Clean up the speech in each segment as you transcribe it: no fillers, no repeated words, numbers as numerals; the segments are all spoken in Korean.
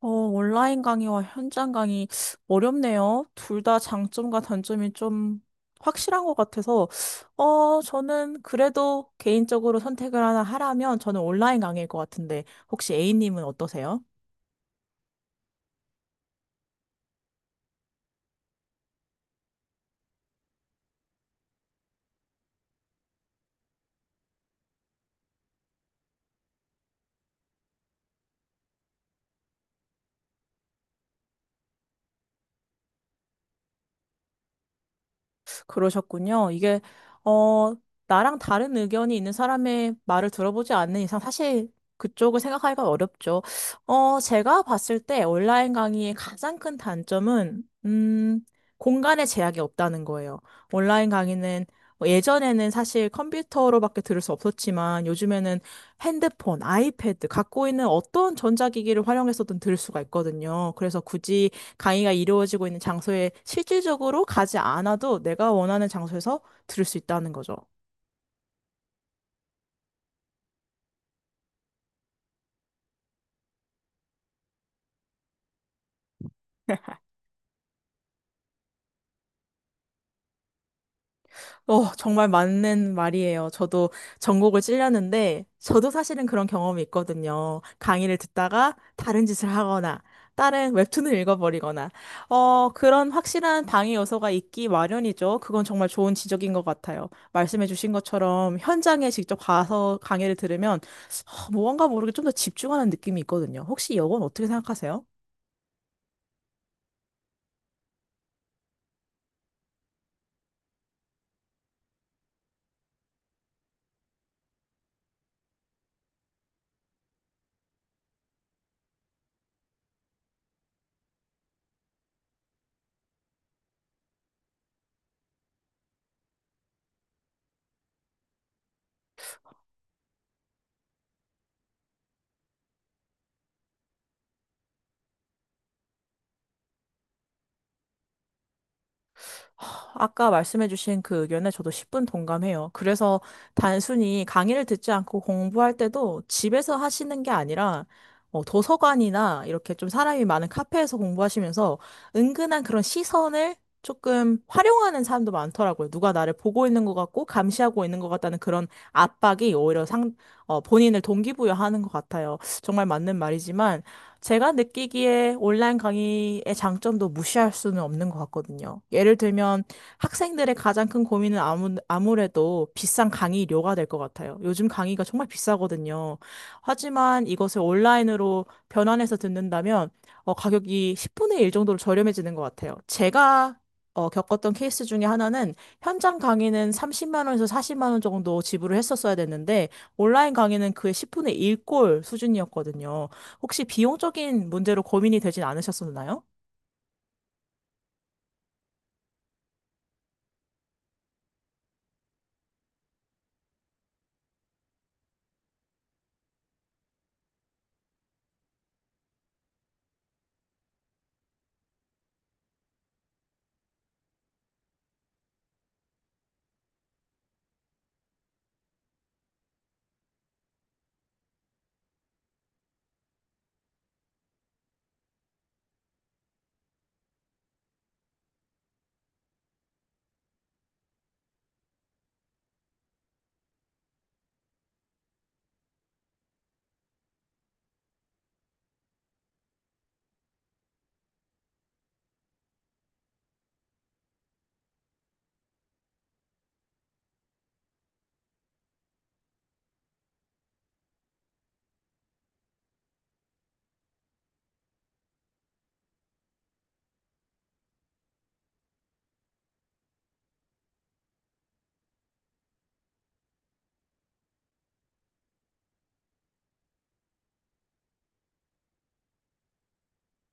온라인 강의와 현장 강의 어렵네요. 둘 다 장점과 단점이 좀 확실한 것 같아서, 저는 그래도 개인적으로 선택을 하나 하라면 저는 온라인 강의일 것 같은데, 혹시 A님은 어떠세요? 그러셨군요. 이게, 어, 나랑 다른 의견이 있는 사람의 말을 들어보지 않는 이상 사실 그쪽을 생각하기가 어렵죠. 제가 봤을 때 온라인 강의의 가장 큰 단점은, 공간의 제약이 없다는 거예요. 온라인 강의는 뭐 예전에는 사실 컴퓨터로밖에 들을 수 없었지만 요즘에는 핸드폰, 아이패드, 갖고 있는 어떤 전자기기를 활용해서든 들을 수가 있거든요. 그래서 굳이 강의가 이루어지고 있는 장소에 실질적으로 가지 않아도 내가 원하는 장소에서 들을 수 있다는 거죠. 정말 맞는 말이에요. 저도 전곡을 찔렸는데, 저도 사실은 그런 경험이 있거든요. 강의를 듣다가 다른 짓을 하거나, 다른 웹툰을 읽어버리거나, 그런 확실한 방해 요소가 있기 마련이죠. 그건 정말 좋은 지적인 것 같아요. 말씀해주신 것처럼 현장에 직접 가서 강의를 들으면, 뭔가 모르게 좀 더 집중하는 느낌이 있거든요. 혹시 이건 어떻게 생각하세요? 하, 아까 말씀해주신 그 의견에 저도 10분 동감해요. 그래서 단순히 강의를 듣지 않고 공부할 때도 집에서 하시는 게 아니라 도서관이나 이렇게 좀 사람이 많은 카페에서 공부하시면서 은근한 그런 시선을 조금 활용하는 사람도 많더라고요. 누가 나를 보고 있는 것 같고 감시하고 있는 것 같다는 그런 압박이 오히려 본인을 동기부여하는 것 같아요. 정말 맞는 말이지만 제가 느끼기에 온라인 강의의 장점도 무시할 수는 없는 것 같거든요. 예를 들면 학생들의 가장 큰 고민은 아무래도 비싼 강의료가 될 것 같아요. 요즘 강의가 정말 비싸거든요. 하지만 이것을 온라인으로 변환해서 듣는다면 가격이 10분의 1 정도로 저렴해지는 것 같아요. 제가 겪었던 케이스 중에 하나는 현장 강의는 30만 원에서 40만 원 정도 지불을 했었어야 됐는데 온라인 강의는 그의 10분의 1꼴 수준이었거든요. 혹시 비용적인 문제로 고민이 되진 않으셨었나요?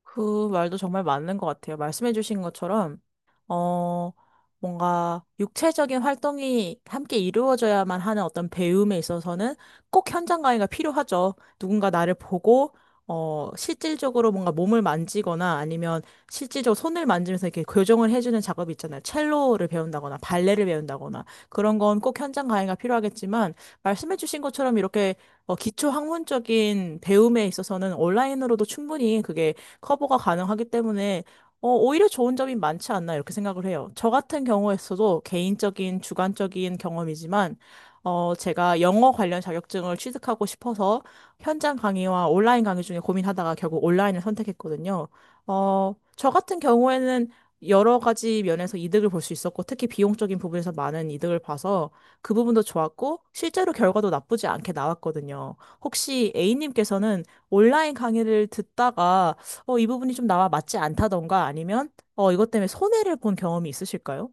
그 말도 정말 맞는 것 같아요. 말씀해주신 것처럼, 어, 뭔가 육체적인 활동이 함께 이루어져야만 하는 어떤 배움에 있어서는 꼭 현장 강의가 필요하죠. 누군가 나를 보고, 실질적으로 뭔가 몸을 만지거나 아니면 실질적으로 손을 만지면서 이렇게 교정을 해주는 작업이 있잖아요. 첼로를 배운다거나 발레를 배운다거나 그런 건 꼭 현장 강의가 필요하겠지만 말씀해주신 것처럼 이렇게 기초 학문적인 배움에 있어서는 온라인으로도 충분히 그게 커버가 가능하기 때문에 오히려 좋은 점이 많지 않나 이렇게 생각을 해요. 저 같은 경우에서도 개인적인 주관적인 경험이지만 제가 영어 관련 자격증을 취득하고 싶어서 현장 강의와 온라인 강의 중에 고민하다가 결국 온라인을 선택했거든요. 저 같은 경우에는 여러 가지 면에서 이득을 볼 수 있었고, 특히 비용적인 부분에서 많은 이득을 봐서 그 부분도 좋았고, 실제로 결과도 나쁘지 않게 나왔거든요. 혹시 A님께서는 온라인 강의를 듣다가 이 부분이 좀 나와 맞지 않다던가 아니면 이것 때문에 손해를 본 경험이 있으실까요?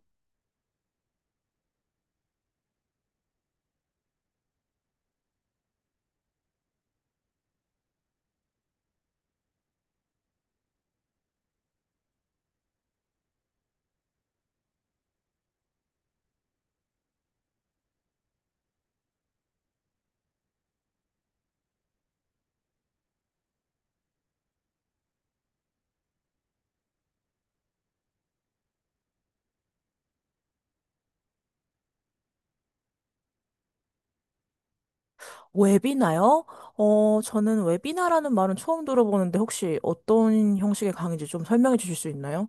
웨비나요? 저는 웨비나라는 말은 처음 들어보는데 혹시 어떤 형식의 강의인지 좀 설명해 주실 수 있나요?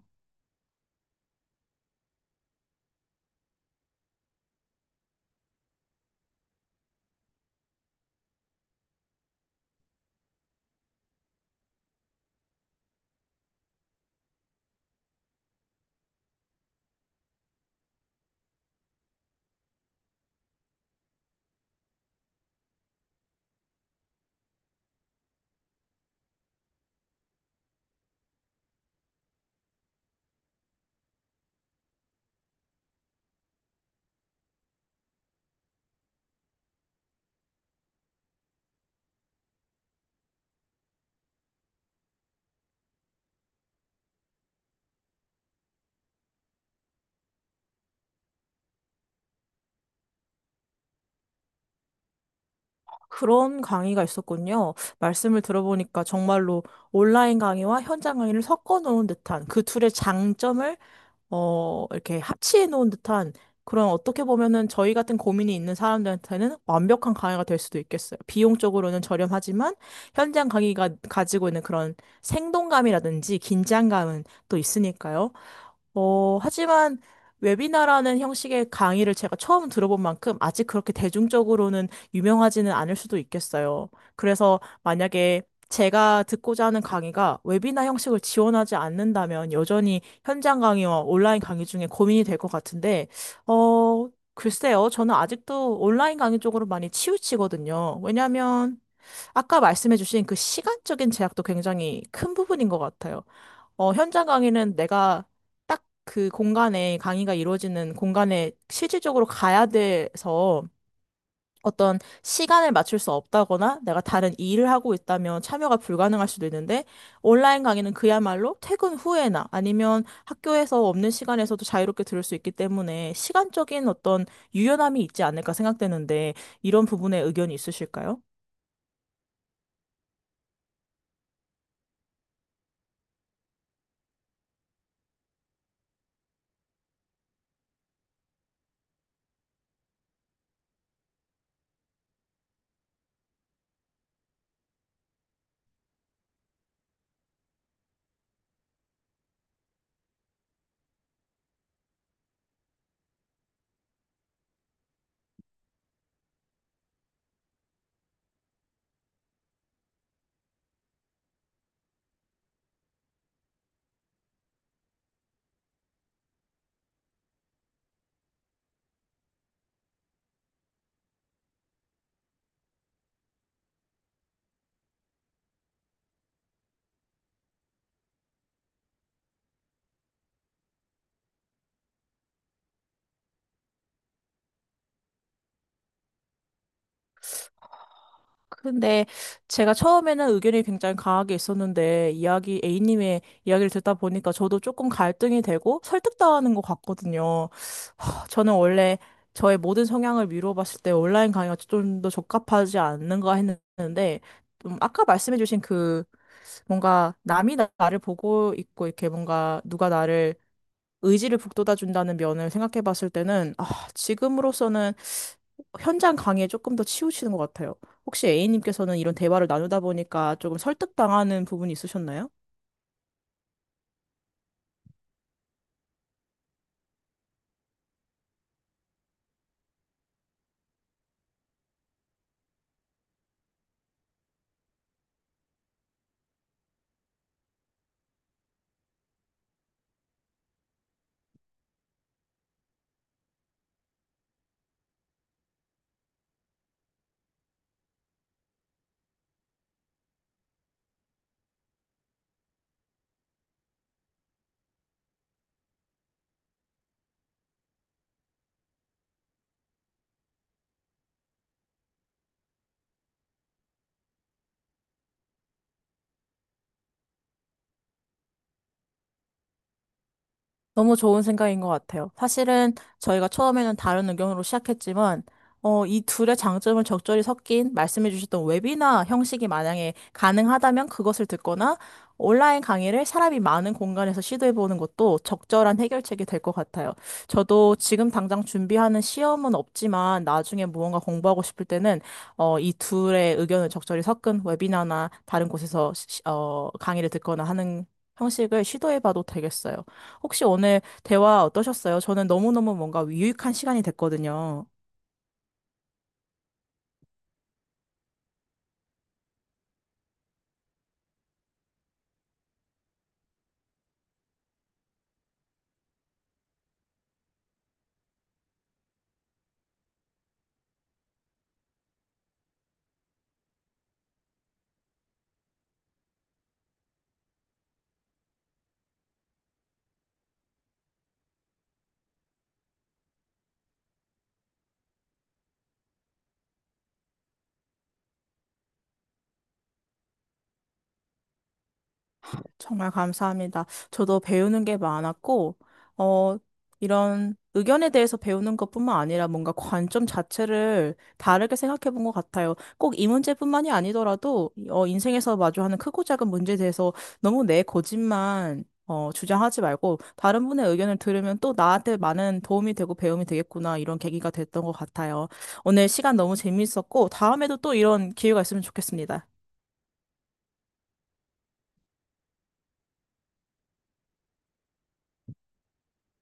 그런 강의가 있었군요. 말씀을 들어보니까 정말로 온라인 강의와 현장 강의를 섞어 놓은 듯한 그 둘의 장점을 이렇게 합치해 놓은 듯한 그런 어떻게 보면은 저희 같은 고민이 있는 사람들한테는 완벽한 강의가 될 수도 있겠어요. 비용적으로는 저렴하지만 현장 강의가 가지고 있는 그런 생동감이라든지 긴장감은 또 있으니까요. 하지만 웨비나라는 형식의 강의를 제가 처음 들어본 만큼 아직 그렇게 대중적으로는 유명하지는 않을 수도 있겠어요. 그래서 만약에 제가 듣고자 하는 강의가 웨비나 형식을 지원하지 않는다면 여전히 현장 강의와 온라인 강의 중에 고민이 될 것 같은데, 글쎄요. 저는 아직도 온라인 강의 쪽으로 많이 치우치거든요. 왜냐하면 아까 말씀해주신 그 시간적인 제약도 굉장히 큰 부분인 것 같아요. 현장 강의는 내가 딱 그 공간에 강의가 이루어지는 공간에 실질적으로 가야 돼서 어떤 시간을 맞출 수 없다거나 내가 다른 일을 하고 있다면 참여가 불가능할 수도 있는데 온라인 강의는 그야말로 퇴근 후에나 아니면 학교에서 없는 시간에서도 자유롭게 들을 수 있기 때문에 시간적인 어떤 유연함이 있지 않을까 생각되는데 이런 부분에 의견이 있으실까요? 근데 제가 처음에는 의견이 굉장히 강하게 있었는데 이야기 A님의 이야기를 듣다 보니까 저도 조금 갈등이 되고 설득당하는 것 같거든요. 저는 원래 저의 모든 성향을 미루어 봤을 때 온라인 강의가 좀 더 적합하지 않는가 했는데, 좀 아까 말씀해주신 그 뭔가 남이 나를 보고 있고 이렇게 뭔가 누가 나를 의지를 북돋아 준다는 면을 생각해 봤을 때는, 아, 지금으로서는 현장 강의에 조금 더 치우치는 것 같아요. 혹시 A님께서는 이런 대화를 나누다 보니까 조금 설득당하는 부분이 있으셨나요? 너무 좋은 생각인 것 같아요. 사실은 저희가 처음에는 다른 의견으로 시작했지만, 이 둘의 장점을 적절히 섞인 말씀해 주셨던 웨비나 형식이 만약에 가능하다면 그것을 듣거나 온라인 강의를 사람이 많은 공간에서 시도해 보는 것도 적절한 해결책이 될 것 같아요. 저도 지금 당장 준비하는 시험은 없지만 나중에 무언가 공부하고 싶을 때는 이 둘의 의견을 적절히 섞은 웨비나나 다른 곳에서 강의를 듣거나 하는 형식을 시도해 봐도 되겠어요. 혹시 오늘 대화 어떠셨어요? 저는 너무너무 뭔가 유익한 시간이 됐거든요. 정말 감사합니다. 저도 배우는 게 많았고, 어, 이런 의견에 대해서 배우는 것뿐만 아니라 뭔가 관점 자체를 다르게 생각해 본 것 같아요. 꼭 이 문제뿐만이 아니더라도, 인생에서 마주하는 크고 작은 문제에 대해서 너무 내 고집만 주장하지 말고 다른 분의 의견을 들으면 또 나한테 많은 도움이 되고 배움이 되겠구나 이런 계기가 됐던 것 같아요. 오늘 시간 너무 재미있었고 다음에도 또 이런 기회가 있으면 좋겠습니다.